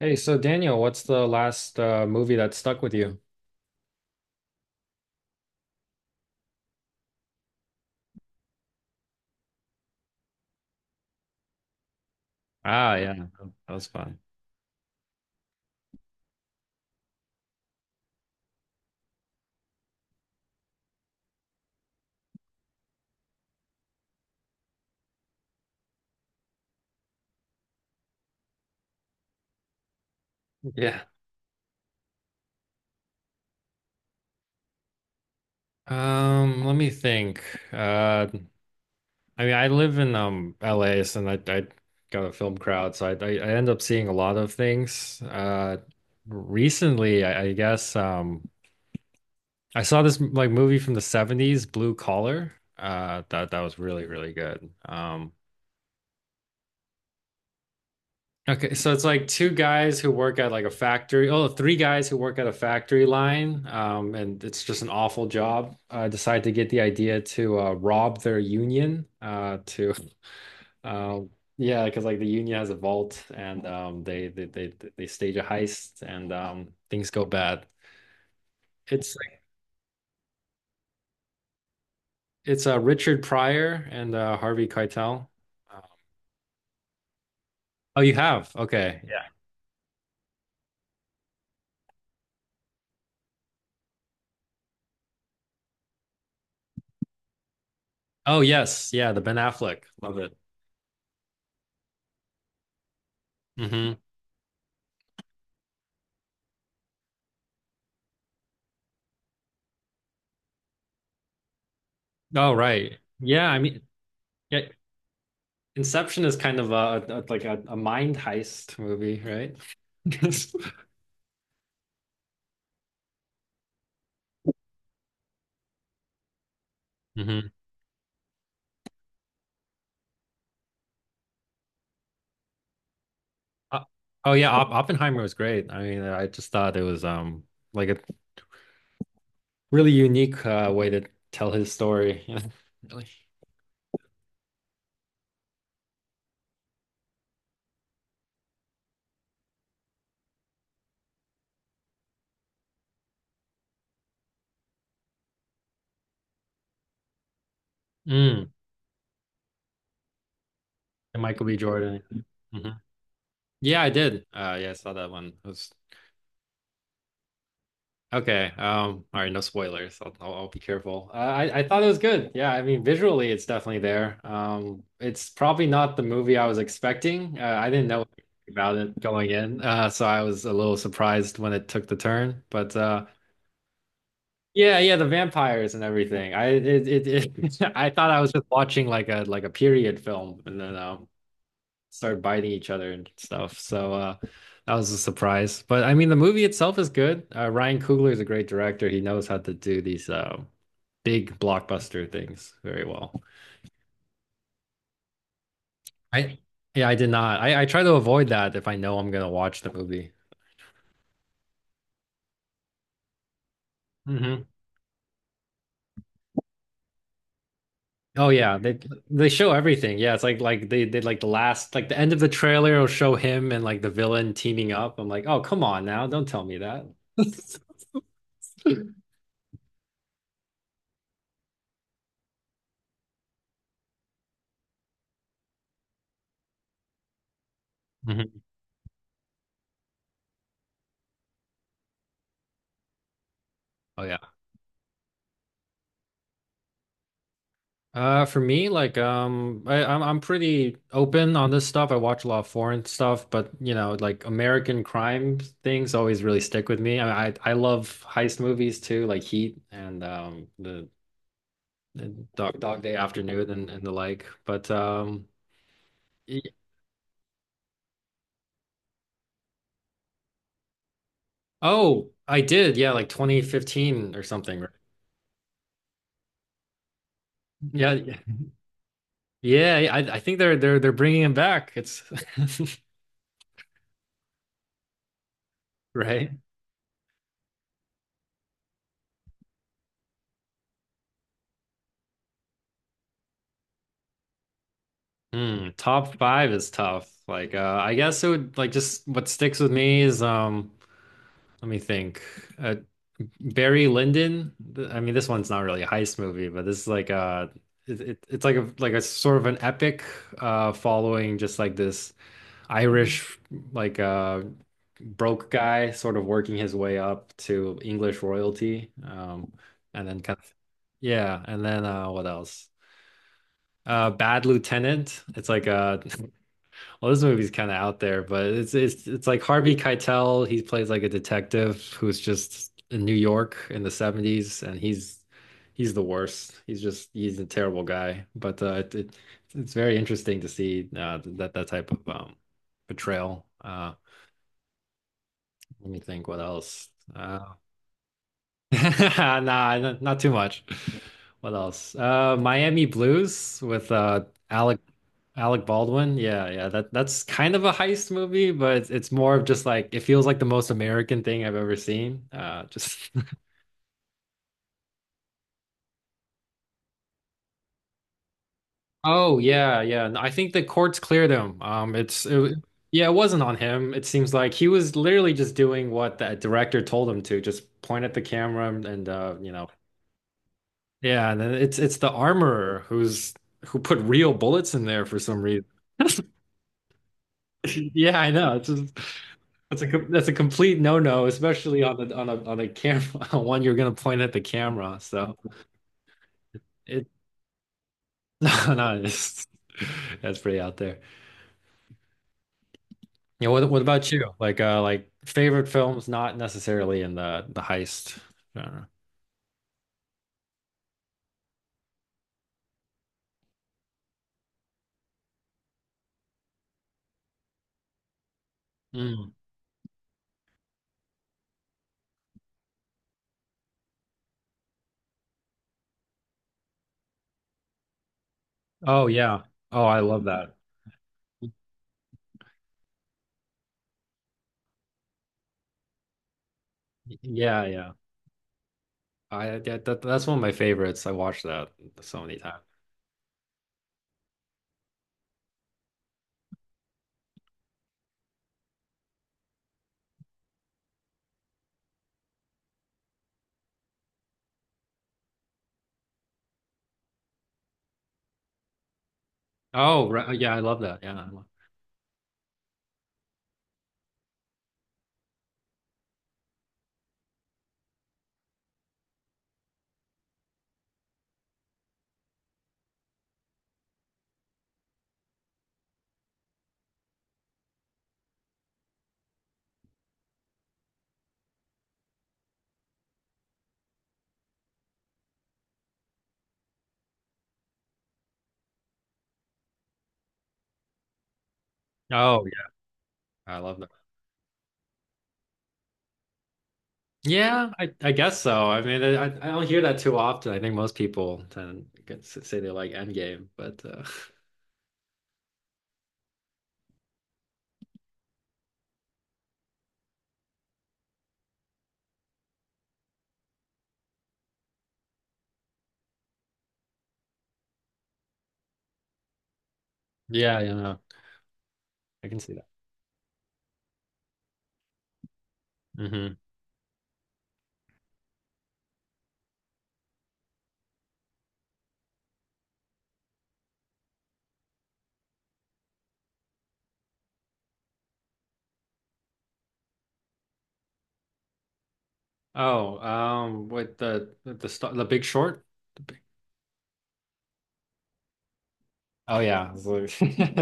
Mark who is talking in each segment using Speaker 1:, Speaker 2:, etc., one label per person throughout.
Speaker 1: Hey, so Daniel, what's the last movie that stuck with you? Ah, yeah, that was fun. Yeah. Let me think. Uh, I mean, I live in LA, so I got a film crowd, so I end up seeing a lot of things. Recently, I guess I saw this like movie from the 70s, Blue Collar. That was really really good. Okay, so it's like two guys who work at like a factory. Oh, three guys who work at a factory line, and it's just an awful job. Decide to get the idea to rob their union. To um, yeah, because like the union has a vault, and they they stage a heist, and things go bad. It's like it's Richard Pryor and Harvey Keitel. Oh, you have? Okay. Yeah. Oh, yes. Yeah, the Ben Affleck. Love it. Hmm. Oh, right. Yeah, I mean, yeah, Inception is kind of a like a mind heist movie, right? hmm. Oh yeah, Op Oppenheimer was great. I mean, I just thought it was like a really unique way to tell his story. Really. Mm. And Michael B. Jordan. Hmm. Yeah, I did. Yeah, I saw that one. It was okay. All right, no spoilers. I'll be careful. I thought it was good. Yeah, I mean, visually, it's definitely there. It's probably not the movie I was expecting. I didn't know about it going in, so I was a little surprised when it took the turn. But yeah, yeah, the vampires and everything. I it I thought I was just watching like a period film, and then start biting each other and stuff. So that was a surprise. But I mean, the movie itself is good. Ryan Coogler is a great director. He knows how to do these big blockbuster things very well. I yeah, I did not. I try to avoid that if I know I'm gonna watch the movie. Hmm. Oh yeah, they show everything. Yeah, it's like they did like the last like the end of the trailer will show him and like the villain teaming up. I'm like, oh come on now, don't tell me that. Mhm. Oh yeah. For me, like, I'm pretty open on this stuff. I watch a lot of foreign stuff, but you know, like American crime things always really stick with me. I love heist movies too, like Heat and the Dog Day Afternoon and the like. But y- oh, I did, yeah, like 2015 or something, right? Yeah, yeah, yeah. I think they're bringing him back. It's right. Mm, top five is tough. Like, I guess it would like just what sticks with me is let me think. Uh, Barry Lyndon. I mean, this one's not really a heist movie, but this is like it's like a sort of an epic following just like this Irish like broke guy sort of working his way up to English royalty. And then kind of yeah, and then what else? Bad Lieutenant. It's like a. Well, this movie's kind of out there, but it's it's like Harvey Keitel. He plays like a detective who's just in New York in the 70s, and he's the worst. He's just he's a terrible guy. But it it's very interesting to see that that type of portrayal. Let me think what else. Uh, nah, not too much. What else? Miami Blues with Alec Baldwin, yeah, yeah, that's kind of a heist movie, but it's more of just like it feels like the most American thing I've ever seen. Just oh yeah, yeah. No, I think the courts cleared him. Yeah, it wasn't on him. It seems like he was literally just doing what that director told him to, just point at the camera and you know, yeah. And then it's the armorer who's who put real bullets in there for some reason. Yeah, I know. It's just, that's a complete no-no, especially on the on a camera one you're gonna point at the camera. So it no, no, it's, that's pretty out there. Yeah, what about you? Like favorite films, not necessarily in the heist genre. Mm. Oh yeah. Oh, I love that. Yeah, yeah. I that that's one of my favorites. I watched that so many times. Oh, right. Yeah, I love that. Yeah. I love- Oh yeah, I love that. Yeah, I guess so. I mean, I don't hear that too often. I think most people tend to say they like Endgame, but yeah, you know, I can see that. Hmm. Oh, with the star, the Big Short. Oh yeah, it's like-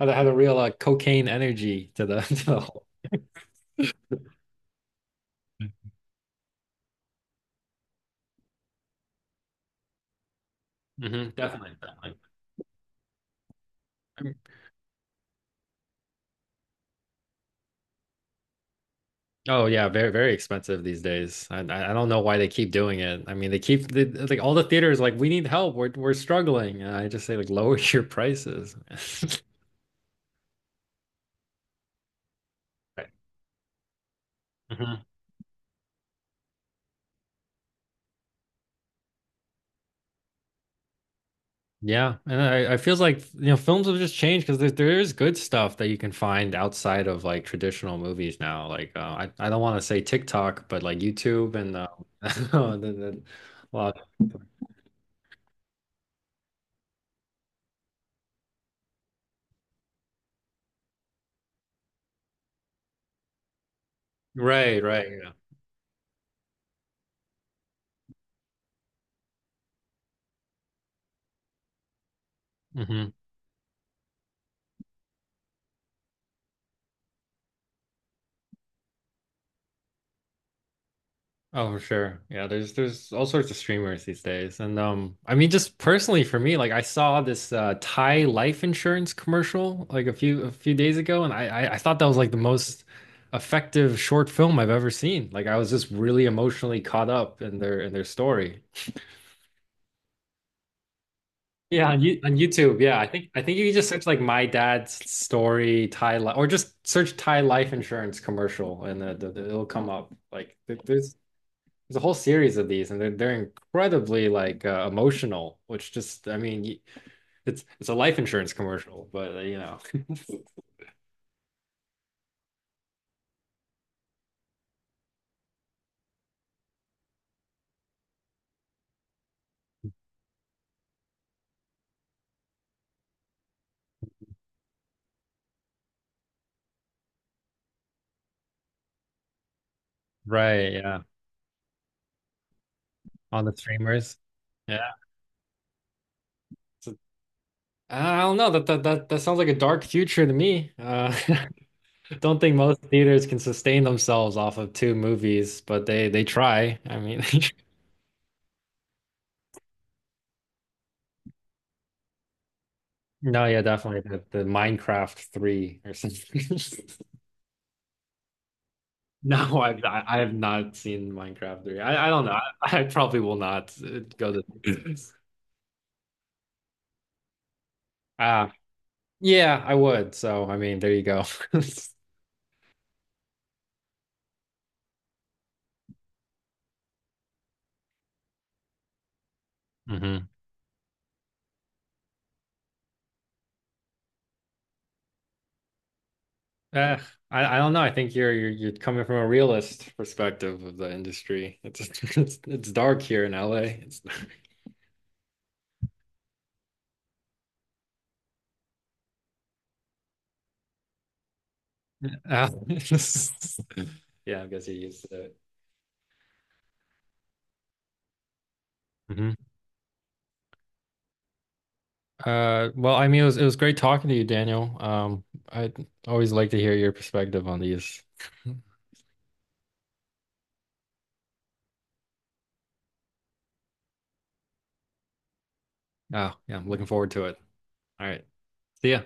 Speaker 1: had a, had a real cocaine energy to the to the whole. Hmm. Definitely, definitely. Um, Oh yeah, very very expensive these days. I don't know why they keep doing it. I mean, like all the theaters like we need help. We're struggling. And I just say like lower your prices. Right. Hmm. Yeah, and I feels like you know films have just changed because there is good stuff that you can find outside of like traditional movies now. Like I don't want to say TikTok, but like YouTube and the, well, right, right, yeah. Mhm. Oh, for sure. Yeah, there's all sorts of streamers these days. And I mean just personally for me, like I saw this Thai life insurance commercial like a few days ago and I thought that was like the most effective short film I've ever seen. Like I was just really emotionally caught up in their story. Yeah, on, on YouTube. Yeah, I think you can just search like my dad's story Thai life or just search Thai life insurance commercial and it'll come up. Like there's a whole series of these, and they're incredibly like emotional, which just I mean, it's a life insurance commercial, but you know, right, yeah. On the streamers. Yeah. It's- I don't know that sounds like a dark future to me. Don't think most theaters can sustain themselves off of two movies, but they try. I mean, no, yeah, definitely the Minecraft three or something. No, I've I have not seen Minecraft 3. I don't know. I probably will not go to Ah, yeah, I would. So I mean, there you go. hmm. Uh, I don't know. I think you're coming from a realist perspective of the industry. It's it's dark here in LA. It's, uh, yeah, I guess you're used to it. Mhm. Well, I mean, it was great talking to you, Daniel. I always like to hear your perspective on these. Oh, yeah, I'm looking forward to it. All right. See ya.